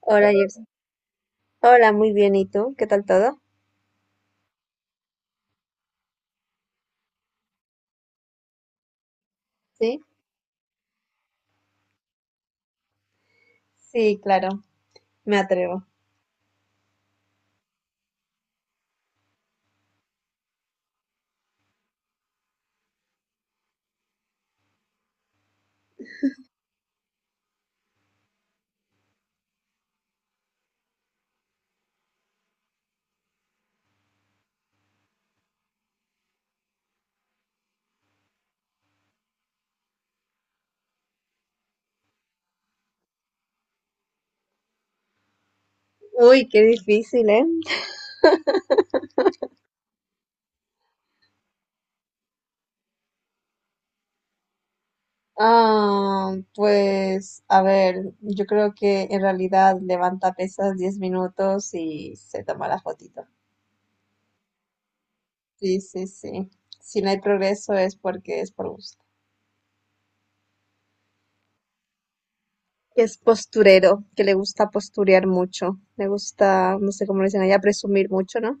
Hola, Gerson. Hola, muy bien. ¿Y tú? ¿Qué tal todo? Sí, sí, claro, me atrevo. Uy, qué difícil, ¿eh? Ah, pues a ver, yo creo que en realidad levanta pesas 10 minutos y se toma la fotito. Sí, sí, sí. Si no hay progreso es porque es por gusto. Que es posturero, que le gusta posturear mucho. Le gusta, no sé cómo le dicen allá, presumir mucho, ¿no?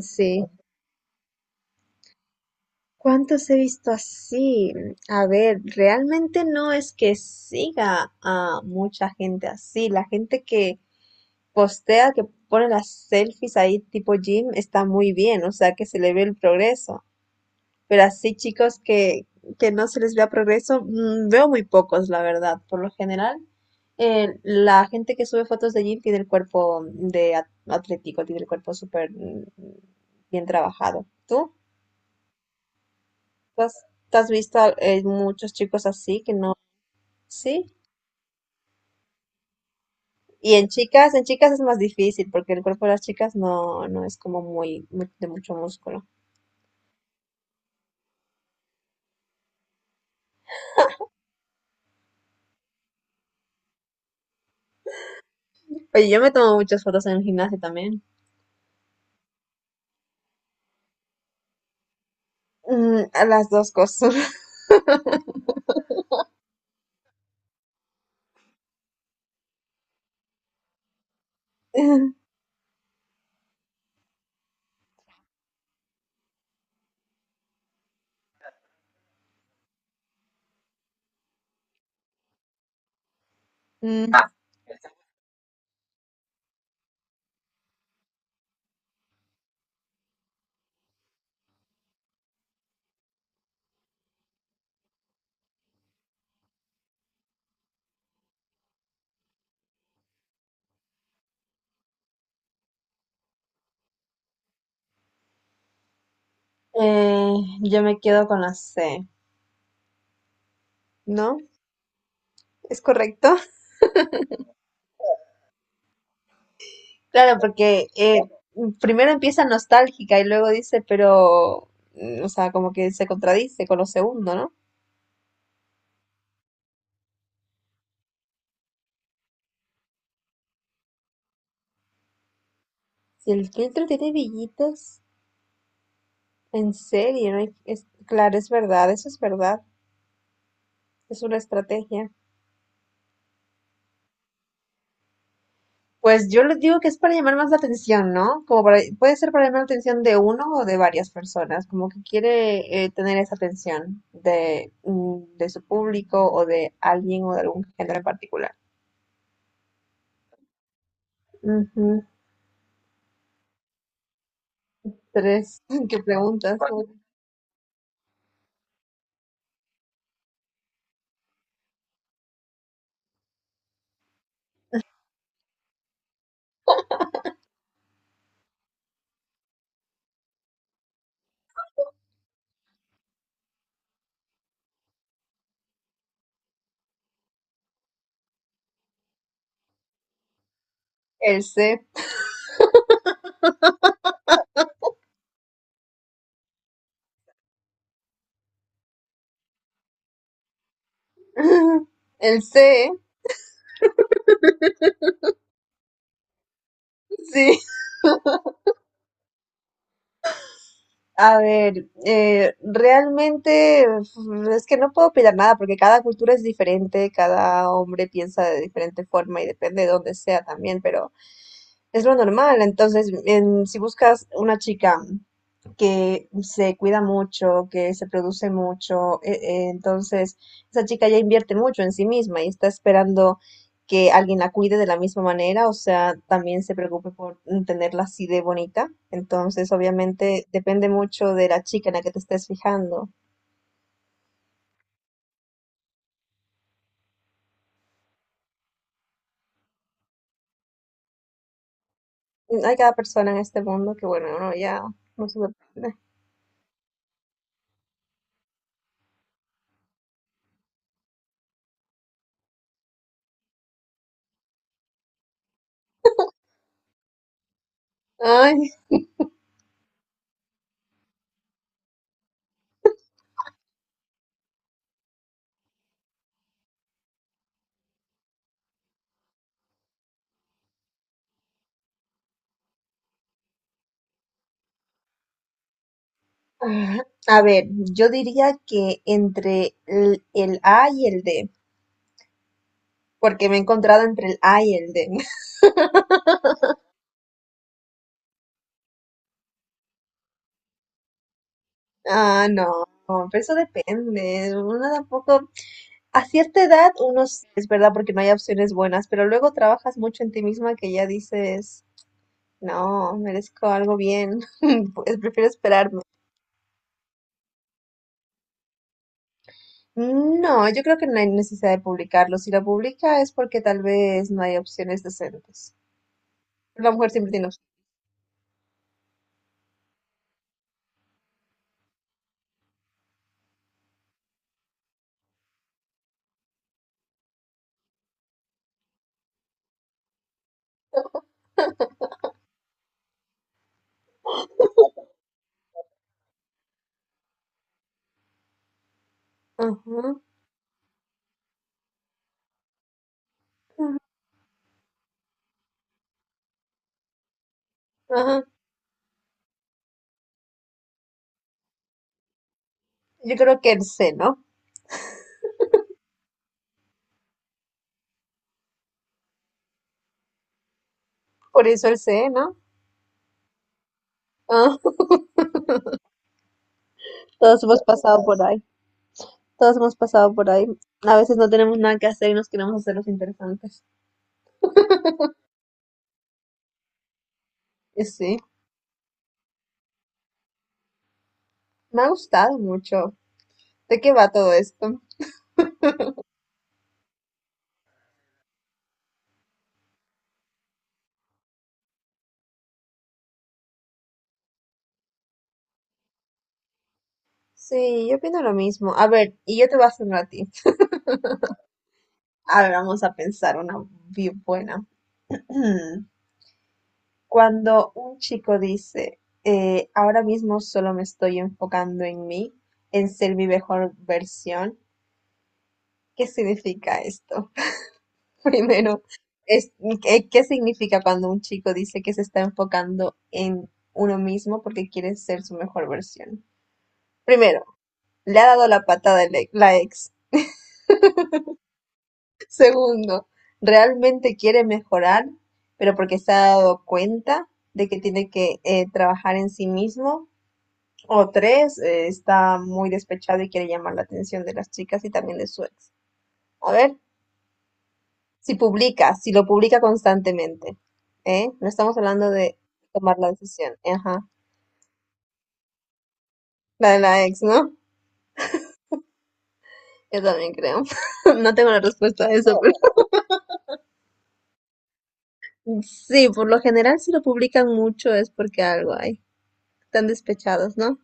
Sí. ¿Cuántos he visto así? A ver, realmente no es que siga a mucha gente así. La gente que postea, que pone las selfies ahí tipo Jim, está muy bien, o sea que se le ve el progreso. Pero así chicos que no se les vea progreso, veo muy pocos, la verdad. Por lo general, la gente que sube fotos de Jim tiene el cuerpo de atlético, tiene el cuerpo súper bien trabajado. ¿Tú? has, te has visto muchos chicos así que no, sí. Y en chicas es más difícil porque el cuerpo de las chicas no, no es como muy, de mucho músculo. Oye, yo me tomo muchas fotos en el gimnasio también. A las dos cosas. Mm, eh, yo me quedo con la C, ¿no? ¿Es correcto? Claro, porque primero empieza nostálgica y luego dice, pero, o sea, como que se contradice con lo segundo, ¿no? Si el filtro tiene brillitos, en serio, no hay- es, claro, es verdad, eso es verdad, es una estrategia. Pues yo les digo que es para llamar más la atención, ¿no? Como para, puede ser para llamar la atención de uno o de varias personas, como que quiere tener esa atención de su público o de alguien o de algún género en particular. Ujú. Tres, ¿qué preguntas? ¿Cuál? El C. El C, sí. A ver, realmente uf, es que no puedo opinar nada porque cada cultura es diferente, cada hombre piensa de diferente forma y depende de dónde sea también, pero es lo normal. Entonces, si buscas una chica que se cuida mucho, que se produce mucho, entonces esa chica ya invierte mucho en sí misma y está esperando que alguien la cuide de la misma manera, o sea, también se preocupe por tenerla así de bonita. Entonces, obviamente, depende mucho de la chica en la que te estés fijando. Hay cada persona en este mundo que, bueno, uno ya no se sorprende. Ay, a ver, yo diría que entre el A y el D, porque me he encontrado entre el A y el D. Ah, no, no, pero eso depende. Uno tampoco A cierta edad, uno sí, es verdad porque no hay opciones buenas, pero luego trabajas mucho en ti misma que ya dices, no, merezco algo bien, pues prefiero esperarme. No, yo creo que no hay necesidad de publicarlo. Si lo publica es porque tal vez no hay opciones decentes. La mujer siempre tiene opciones. Ajá, ajá, ajá. Yo creo que el C, ¿no? Por eso el C, ¿no? Ah, todos hemos pasado por ahí. Todos hemos pasado por ahí. A veces no tenemos nada que hacer y nos queremos hacer los interesantes. Y sí, me ha gustado mucho. ¿De qué va todo esto? Sí, yo opino lo mismo. A ver, y yo te voy a hacer una a ti. Ahora vamos a pensar una bien buena. Cuando un chico dice, ahora mismo solo me estoy enfocando en mí, en ser mi mejor versión, ¿qué significa esto? Primero, es, ¿qué significa cuando un chico dice que se está enfocando en uno mismo porque quiere ser su mejor versión? Primero, le ha dado la patada la ex. Segundo, realmente quiere mejorar, pero porque se ha dado cuenta de que tiene que trabajar en sí mismo. O tres, está muy despechado y quiere llamar la atención de las chicas y también de su ex. A ver, si lo publica constantemente, ¿eh? No estamos hablando de tomar la decisión. Ajá, la de la ex, ¿no? Yo también creo. No tengo la respuesta a eso, pero sí, por lo general si lo publican mucho es porque algo hay. Están despechados, ¿no?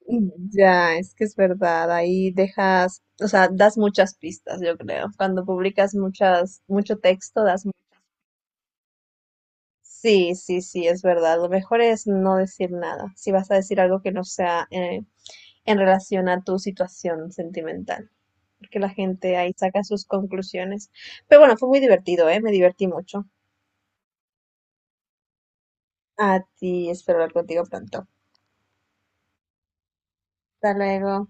Ya, es que es verdad, ahí dejas, o sea, das muchas pistas, yo creo. Cuando publicas mucho texto, das. Sí, sí, sí, es verdad. Lo mejor es no decir nada, si vas a decir algo que no sea en relación a tu situación sentimental, porque la gente ahí saca sus conclusiones. Pero bueno, fue muy divertido, ¿eh? Me divertí mucho. A ti, espero hablar contigo pronto. Hasta luego.